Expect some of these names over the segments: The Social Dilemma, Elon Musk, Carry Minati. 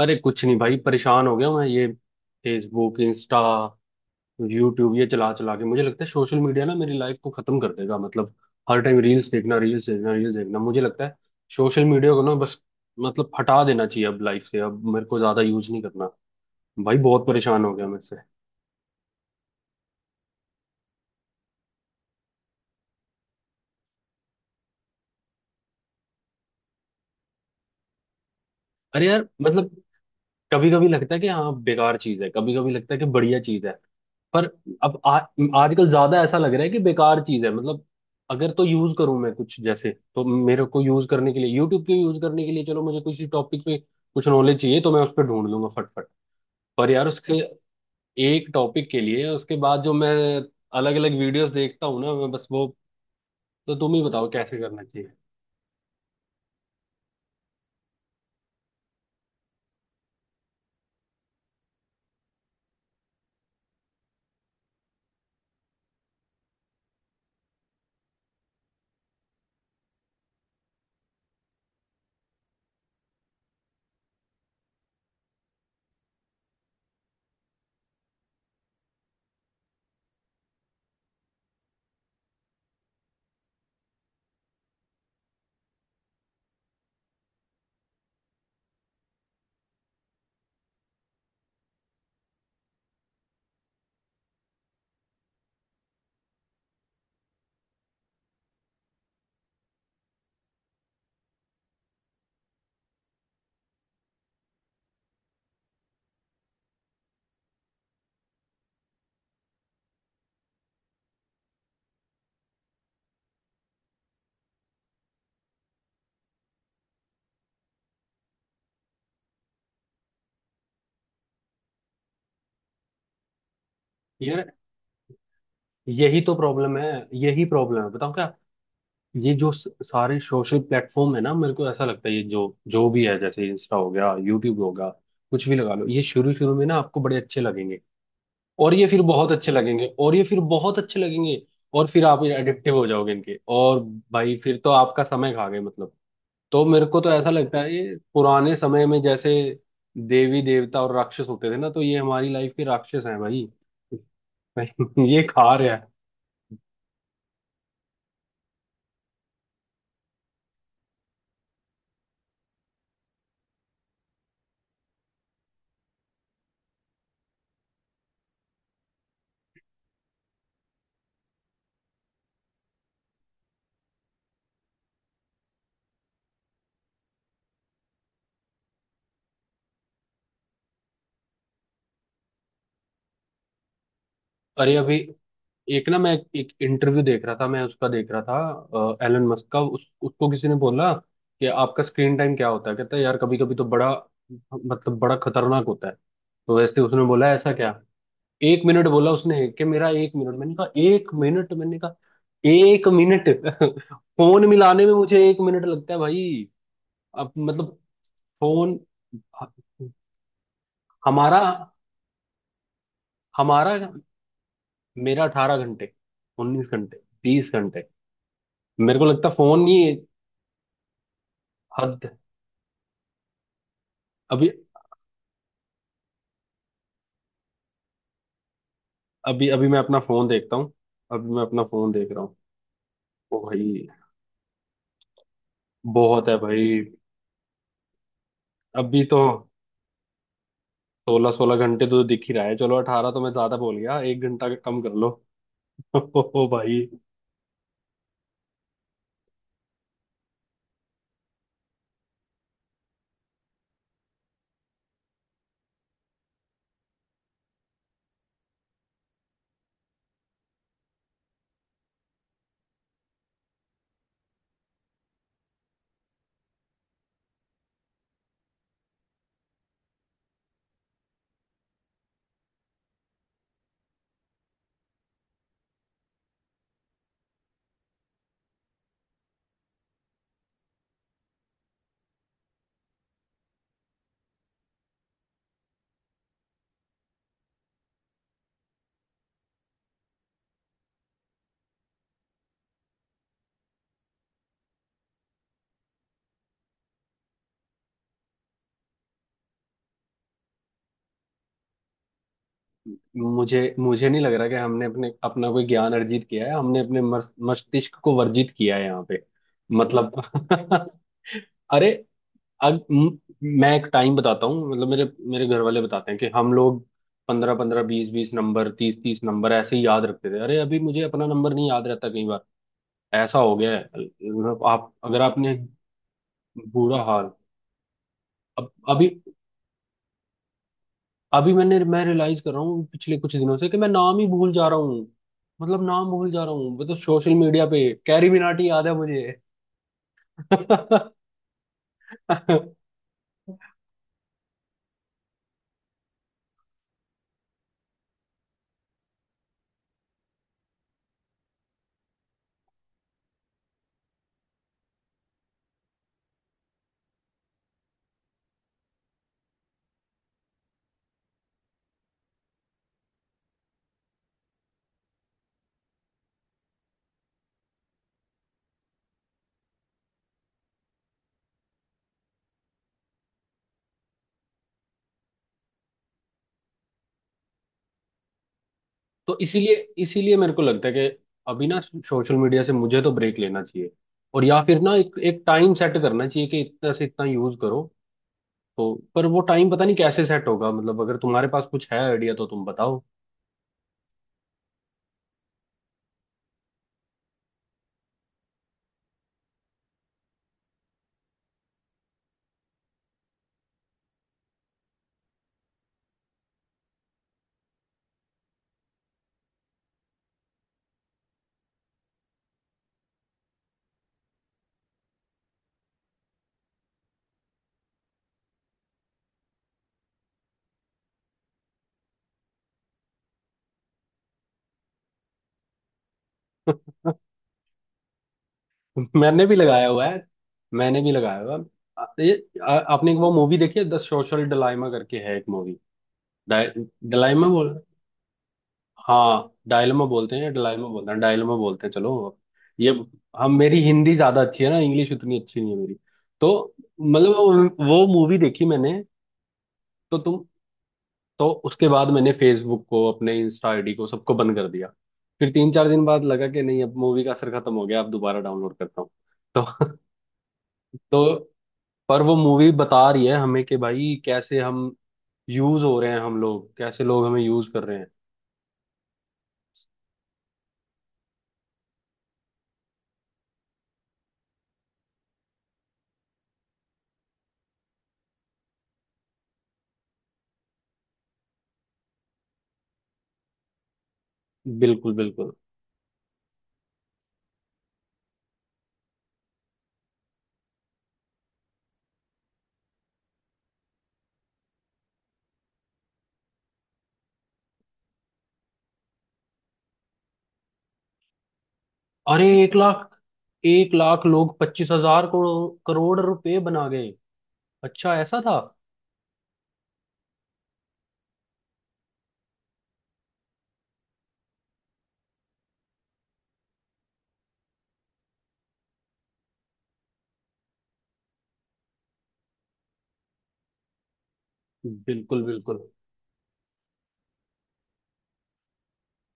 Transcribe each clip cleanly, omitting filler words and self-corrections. अरे कुछ नहीं भाई, परेशान हो गया मैं। ये फेसबुक, इंस्टा, यूट्यूब ये चला चला के मुझे लगता है सोशल मीडिया ना मेरी लाइफ को खत्म कर देगा। मतलब हर टाइम रील्स देखना, रील्स देखना, रील्स देखना, मुझे लगता है सोशल मीडिया को ना, बस मतलब हटा देना चाहिए अब लाइफ से। अब मेरे को ज्यादा यूज नहीं करना। भाई बहुत परेशान हो गया मैं इससे। अरे यार मतलब कभी कभी लगता है कि हाँ बेकार चीज है, कभी कभी लगता है कि बढ़िया चीज है। पर अब आजकल ज्यादा ऐसा लग रहा है कि बेकार चीज है। मतलब अगर तो यूज करूं मैं कुछ, जैसे तो मेरे को यूज करने के लिए, यूट्यूब के यूज करने के लिए, चलो मुझे किसी टॉपिक पे कुछ नॉलेज चाहिए तो मैं उस पर ढूंढ लूंगा फटफट। पर यार उसके एक टॉपिक के लिए उसके बाद जो मैं अलग अलग वीडियोस देखता हूँ ना, मैं बस वो। तो तुम ही बताओ कैसे करना चाहिए। यार यही तो प्रॉब्लम है, यही प्रॉब्लम है। बताओ क्या। ये जो सारे सोशल प्लेटफॉर्म है ना, मेरे को ऐसा लगता है ये जो जो भी है, जैसे इंस्टा हो गया, यूट्यूब होगा, कुछ भी लगा लो, ये शुरू शुरू में ना आपको बड़े अच्छे लगेंगे, और ये फिर बहुत अच्छे लगेंगे, और ये फिर बहुत अच्छे लगेंगे, और फिर आप एडिक्टिव हो जाओगे इनके। और भाई फिर तो आपका समय खा गए मतलब। तो मेरे को तो ऐसा लगता है ये पुराने समय में जैसे देवी देवता और राक्षस होते थे ना, तो ये हमारी लाइफ के राक्षस हैं भाई। भाई ये खा रहे हैं। अरे अभी एक ना, मैं एक इंटरव्यू देख रहा था, मैं उसका देख रहा था एलन मस्क का। उसको किसी ने बोला कि आपका स्क्रीन टाइम क्या होता है। कहता है यार कभी कभी तो बड़ा मतलब बड़ा खतरनाक होता है। तो वैसे उसने बोला ऐसा क्या। 1 मिनट बोला उसने कि मेरा 1 मिनट। मैंने कहा 1 मिनट? मैंने कहा 1 मिनट? फोन मिलाने में मुझे 1 मिनट लगता है भाई। अब मतलब फोन हमारा हमारा मेरा 18 घंटे, 19 घंटे, 20 घंटे, मेरे को लगता है फोन ही। हद! अभी अभी अभी मैं अपना फोन देखता हूँ, अभी मैं अपना फोन देख रहा हूँ। ओ भाई बहुत है भाई। अभी तो सोलह सोलह घंटे तो दिख ही रहा है। चलो अठारह तो मैं ज्यादा बोल गया, 1 घंटा कम कर लो। ओ भाई मुझे मुझे नहीं लग रहा कि हमने अपने अपना कोई ज्ञान अर्जित किया है, हमने अपने मस्तिष्क को वर्जित किया है यहाँ पे, मतलब। अरे अब मैं एक टाइम बताता हूँ। मतलब मेरे मेरे घर वाले बताते हैं कि हम लोग पंद्रह पंद्रह, बीस बीस नंबर, तीस तीस नंबर ऐसे ही याद रखते थे। अरे अभी मुझे अपना नंबर नहीं याद रहता कई बार। ऐसा हो गया है मतलब आप अगर आपने, बुरा हाल। अब अभी, अभी मैं रियलाइज कर रहा हूँ पिछले कुछ दिनों से कि मैं नाम ही भूल जा रहा हूँ। मतलब नाम भूल जा रहा हूँ। मतलब सोशल मीडिया पे कैरी मिनाटी याद है मुझे। तो इसीलिए, इसीलिए मेरे को लगता है कि अभी ना सोशल मीडिया से मुझे तो ब्रेक लेना चाहिए, और या फिर ना एक एक टाइम सेट करना चाहिए कि इतना से इतना यूज करो। तो पर वो टाइम पता नहीं कैसे सेट होगा। मतलब अगर तुम्हारे पास कुछ है आइडिया तो तुम बताओ। मैंने भी लगाया हुआ है, मैंने भी लगाया हुआ है। ये आ- आपने एक वो मूवी देखी है, द सोशल डिलाइमा करके है, एक मूवी, डलाइमा। हाँ डायलमा बोलते हैं, डायलमा बोलते हैं, डायलमा बोलते हैं, चलो। ये हम, मेरी हिंदी ज्यादा अच्छी है ना, इंग्लिश उतनी अच्छी नहीं है मेरी। तो मतलब वो मूवी देखी मैंने। तो तुम, तो उसके बाद मैंने फेसबुक को, अपने इंस्टा आईडी को, सबको बंद कर दिया। फिर तीन चार दिन बाद लगा कि नहीं, अब मूवी का असर खत्म हो गया, अब दोबारा डाउनलोड करता हूँ तो। तो पर वो मूवी बता रही है हमें कि भाई कैसे हम यूज हो रहे हैं, हम लोग कैसे, लोग हमें यूज कर रहे हैं। बिल्कुल, बिल्कुल। अरे 1 लाख, 1 लाख लोग 25 हज़ार करोड़, करोड़ रुपए बना गए? अच्छा ऐसा था। बिल्कुल बिल्कुल।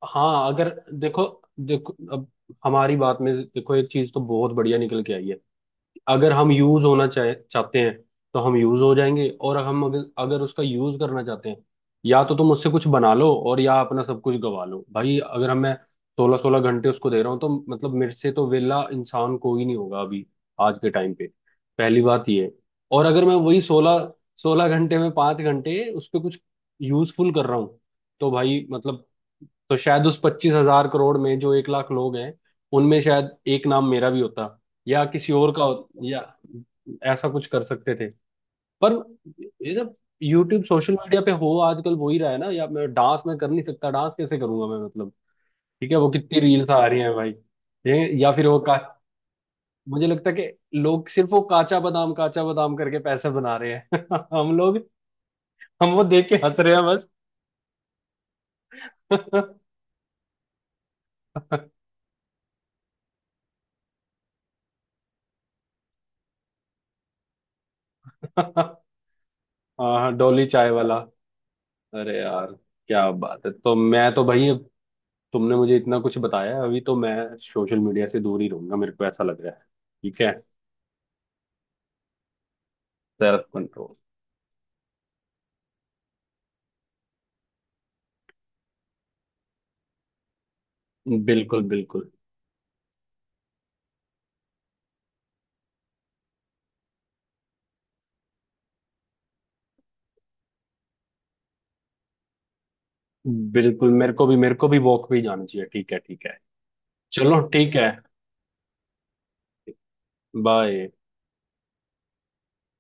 हाँ अगर देखो, देखो अब हमारी बात में देखो, एक चीज तो बहुत बढ़िया निकल के आई है। अगर हम यूज होना चाहे चाहते हैं तो हम यूज हो जाएंगे, और हम अगर अगर उसका यूज करना चाहते हैं, या तो तुम उससे कुछ बना लो, और या अपना सब कुछ गवा लो भाई। अगर हम मैं सोलह सोलह घंटे उसको दे रहा हूँ तो मतलब मेरे से तो वेला इंसान कोई नहीं होगा अभी, आज के टाइम पे। पहली बात ये है। और अगर मैं वही सोलह सोलह घंटे में 5 घंटे उस पर कुछ यूजफुल कर रहा हूँ, तो भाई मतलब तो शायद उस 25 हज़ार करोड़ में जो 1 लाख लोग हैं, उनमें शायद एक नाम मेरा भी होता, या किसी और का या ऐसा कुछ कर सकते थे। पर ये ना, यूट्यूब सोशल मीडिया पे हो आजकल वो ही रहा है ना, या मैं डांस में कर नहीं सकता, डांस कैसे करूंगा मैं मतलब। ठीक है वो कितनी रील्स आ रही हैं भाई, ये या फिर वो का। मुझे लगता है कि लोग सिर्फ वो काचा बादाम करके पैसे बना रहे हैं। हम लोग, हम वो देख के हंस रहे हैं बस। हाँ हाँ, डोली चाय वाला। अरे यार क्या बात है। तो मैं तो भाई, तुमने मुझे इतना कुछ बताया है, अभी तो मैं सोशल मीडिया से दूर ही रहूंगा, मेरे को ऐसा लग रहा है। ठीक है। Self control. बिल्कुल बिल्कुल। बिल्कुल मेरे को भी, मेरे को भी वॉक पे ही जाना चाहिए। ठीक है ठीक है। चलो ठीक है। बाय।